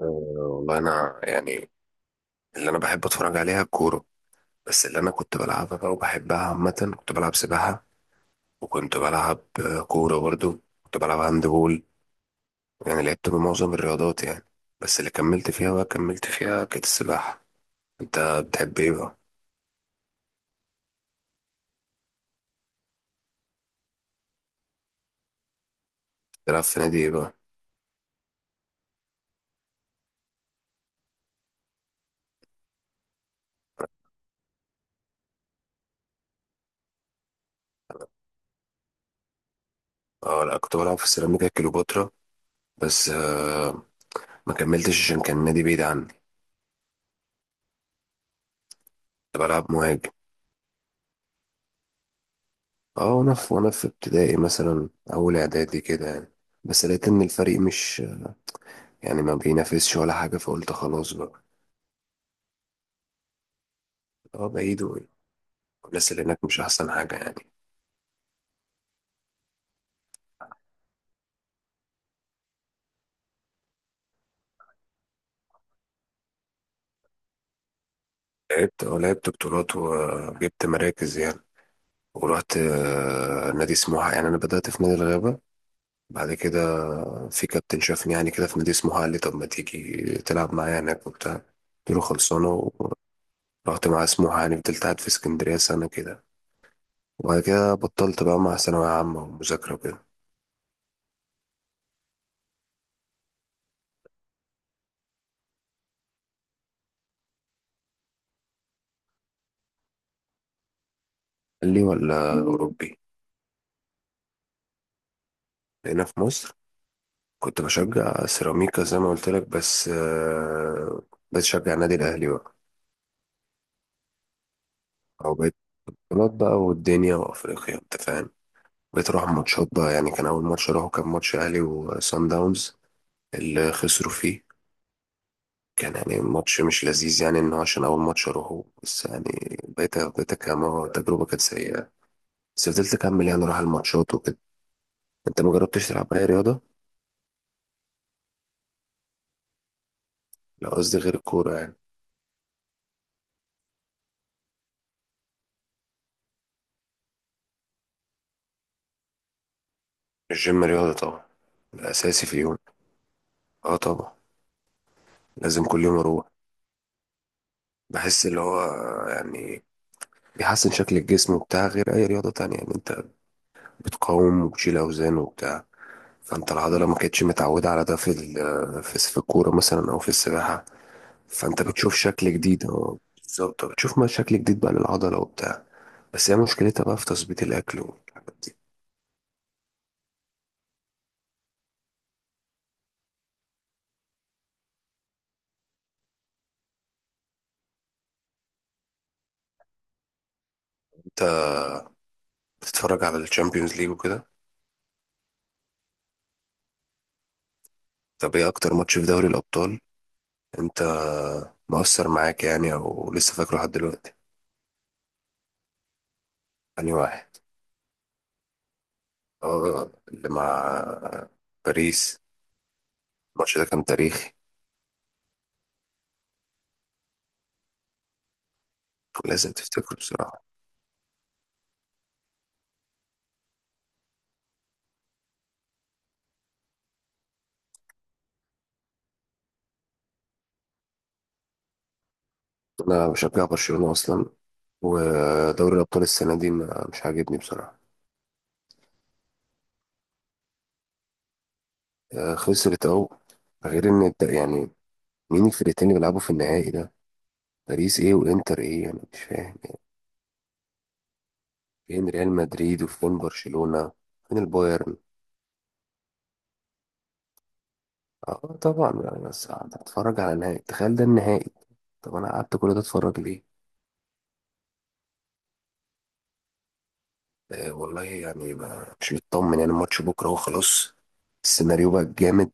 آه، والله انا يعني اللي انا بحب اتفرج عليها الكوره. بس اللي انا كنت بلعبها بقى وبحبها عامه كنت بلعب سباحه، وكنت بلعب كوره، برضو كنت بلعب هاند بول، يعني لعبت بمعظم الرياضات يعني. بس اللي كملت فيها بقى كملت فيها كانت السباحه. انت بتحب ايه بقى؟ بتلعب في نادي ايه بقى؟ اه لا، كنت بلعب في سيراميكا كليوباترا، بس ما كملتش عشان كان النادي بعيد عني. كنت بلعب مهاجم. اه وانا في ابتدائي مثلا اول اعدادي كده يعني، بس لقيت ان الفريق مش يعني ما بينافسش ولا حاجة، فقلت خلاص بقى. اه بعيد، والناس اللي هناك مش أحسن حاجة يعني. لعبت بطولات وجبت مراكز يعني، ورحت نادي سموحة، يعني أنا بدأت في نادي الغابة، بعد كده في كابتن شافني يعني كده في نادي سموحة، قال لي طب ما تيجي تلعب معايا هناك وبتاع، قلت له خلصانة. ورحت مع سموحة، يعني فضلت قاعد في اسكندرية سنة كده، وبعد كده بطلت بقى مع ثانوية عامة ومذاكرة وكده. قال لي ولا أوروبي؟ هنا في مصر. كنت بشجع سيراميكا زي ما قلت لك بس بقيت اشجع النادي الاهلي بقى. او بقيت بطولات بقى والدنيا وافريقيا، انت فاهم. بقيت اروح ماتشات بقى يعني، كان اول ماتش اروحه كان ماتش اهلي وسان داونز اللي خسروا فيه. كان يعني ماتش مش لذيذ يعني، انه عشان اول ماتش اروحه بس يعني. بقيت كمان تجربه كانت سيئه، بس فضلت اكمل يعني اروح الماتشات وكده. انت ما جربتش تلعب اي رياضه؟ لا قصدي غير الكوره يعني. الجيم رياضه طبعا، الاساسي في اليوم. اه طبعا، لازم كل يوم اروح، بحس اللي هو يعني بيحسن شكل الجسم وبتاع، غير اي رياضة تانية يعني. انت بتقاوم وبتشيل اوزان وبتاع، فانت العضلة ما كانتش متعودة على ده في الكورة مثلا او في السباحة. فانت بتشوف شكل جديد، اه بالظبط، بتشوف ما شكل جديد بقى للعضلة وبتاع. بس هي مشكلتها بقى في تظبيط الاكل والحاجات دي. انت بتتفرج على الشامبيونز ليج وكده؟ طب ايه اكتر ماتش في دوري الابطال انت مؤثر معاك يعني او لسه فاكره لحد دلوقتي؟ انهي واحد؟ اه اللي مع باريس. الماتش ده كان تاريخي، لازم تفتكره بصراحة. أنا بشجع برشلونة أصلا، ودوري الأبطال السنة دي مش عاجبني بصراحة. خسرت أهو، غير إن يعني مين الفرقتين اللي بيلعبوا في النهائي ده؟ باريس إيه وإنتر إيه، أنا مش فاهم يعني. فين ريال مدريد وفين برشلونة؟ فين البايرن؟ اه طبعا يعني، بس هتتفرج على نهائي؟ تخيل ده النهائي. طب أنا قعدت كل ده أتفرج ليه؟ والله يعني مش مطمن يعني، الماتش بكرة هو خلاص. السيناريو بقى جامد،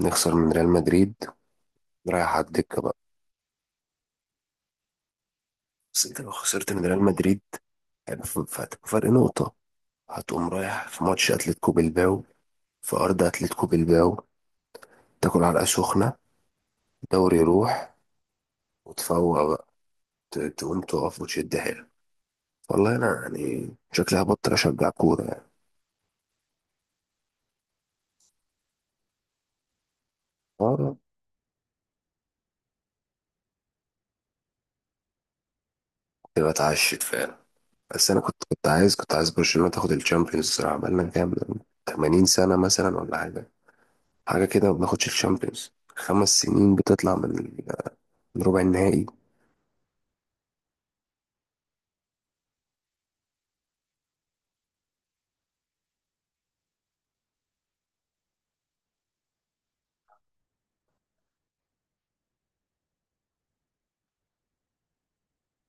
نخسر من ريال مدريد، رايح على الدكة بقى. بس انت لو خسرت من ريال مدريد يعني فهتبقى فرق نقطة، هتقوم رايح في ماتش أتلتيكو بلباو في أرض أتلتيكو بلباو، تاكل علقة سخنة، دوري يروح وتفوق بقى، تقوم تقف وتشد حيلك. والله أنا يعني شكلي هبطل أشجع كورة يعني. اه تبقى اتعشت فعلا. بس انا كنت عايز برشلونه تاخد الشامبيونز الصراحه، بقالنا كام 80 سنه مثلا ولا حاجه، حاجه كده ما بناخدش الشامبيونز. 5 سنين بتطلع من ربع النهائي.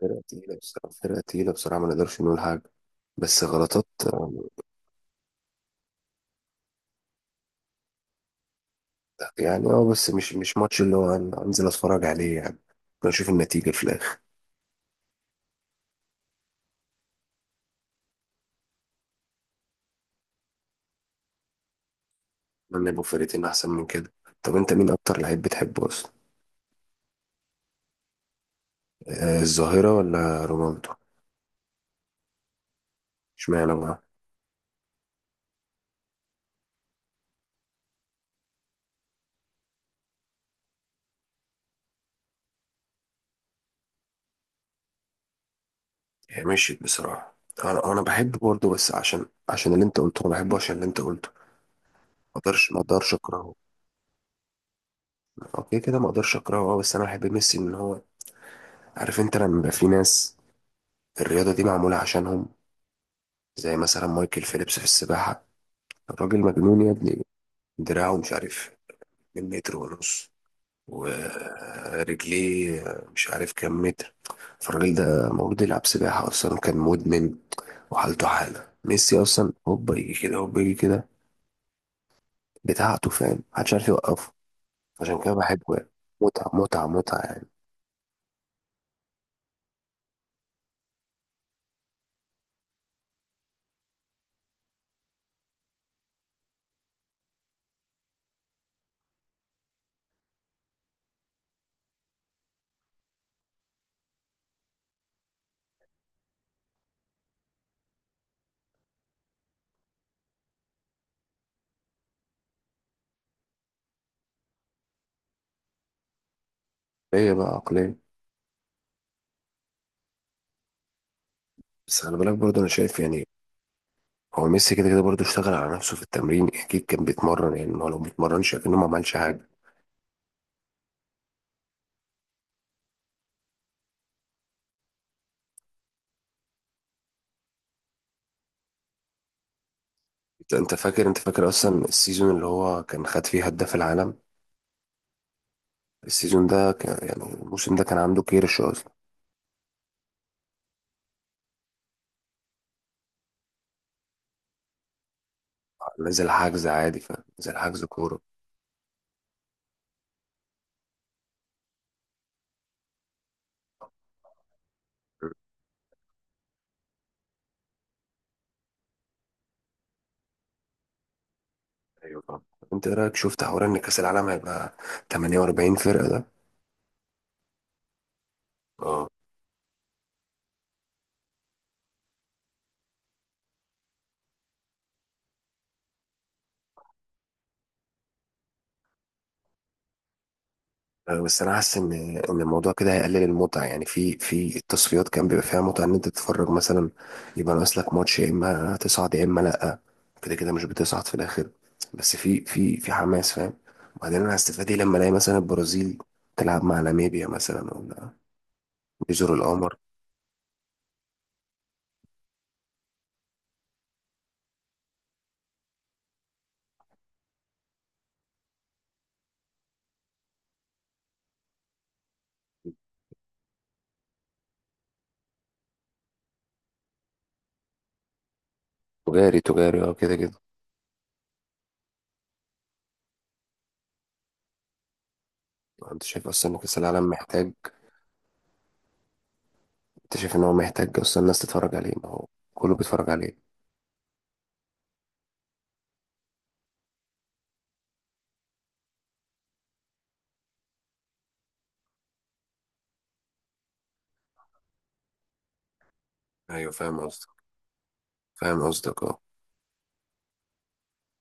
فرقه تقيله بصراحه فرقه تقيله بصراحه، ما نقدرش نقول حاجه. بس غلطات. آه، يعني بس مش ماتش اللي هو انزل اتفرج عليه يعني، بنشوف النتيجه في الاخر. اتمنى يبقوا فرقتين احسن من كده. طب انت مين اكتر لعيب بتحبه اصلا؟ آه الظاهره ولا رونالدو؟ اشمعنى بقى؟ هي مشيت بصراحة. انا بحب برضه، بس عشان اللي انت قلته، انا بحبه عشان اللي انت قلته. ما اقدرش اكرهه. اوكي كده، ما اقدرش اكرهه اه، بس انا بحب ميسي ان هو. عارف انت لما يبقى في ناس الرياضة دي معمولة عشانهم؟ زي مثلا مايكل فيليبس في السباحة، الراجل مجنون يا ابني. دراعه مش عارف من متر ونص، ورجليه مش عارف كام متر. فالراجل ده المفروض يلعب سباحة أصلا، كان مدمن، وحالته حالة ميسي أصلا، هوبا يجي كده هوبا يجي كده، بتاعته فاهم، محدش عارف يوقفه. عشان كده بحبه يعني، متعة متعة متعة يعني. هي بقى عقلية. بس خلي بالك برضه، أنا شايف يعني هو ميسي كده كده برضه اشتغل على نفسه في التمرين، أكيد كان بيتمرن يعني، ما هو لو ما بيتمرنش أكنه ما عملش حاجة. أنت فاكر أصلا السيزون اللي هو كان خد فيه هداف العالم؟ السيزون ده كان يعني الموسم ده كان عنده كيرش أصلا. نزل حجز عادي فاهم، نزل حجز كورة. أمم، أيوة طبعا. أنت إيه رأيك شفت حوار إن كأس العالم هيبقى 48 فرقة ده؟ اه. بس انا حاسس ان الموضوع كده هيقلل المتعه يعني، في التصفيات كان بيبقى فيها متعه ان انت تتفرج مثلا، يبقى ناقص لك ماتش، يا اما تصعد يا اما لا. كده كده مش بتصعد في الاخر، بس في حماس فاهم. وبعدين انا هستفاد ايه لما الاقي مثلا البرازيل تلعب مع ناميبيا مثلا ولا جزر القمر؟ تجاري تجاري اه، كده كده. انت شايف اصلا ان كاس العالم محتاج؟ انت شايف ان هو محتاج اصلا الناس تتفرج عليه؟ ما هو كله بيتفرج عليه. ايوه فاهم قصدك اه.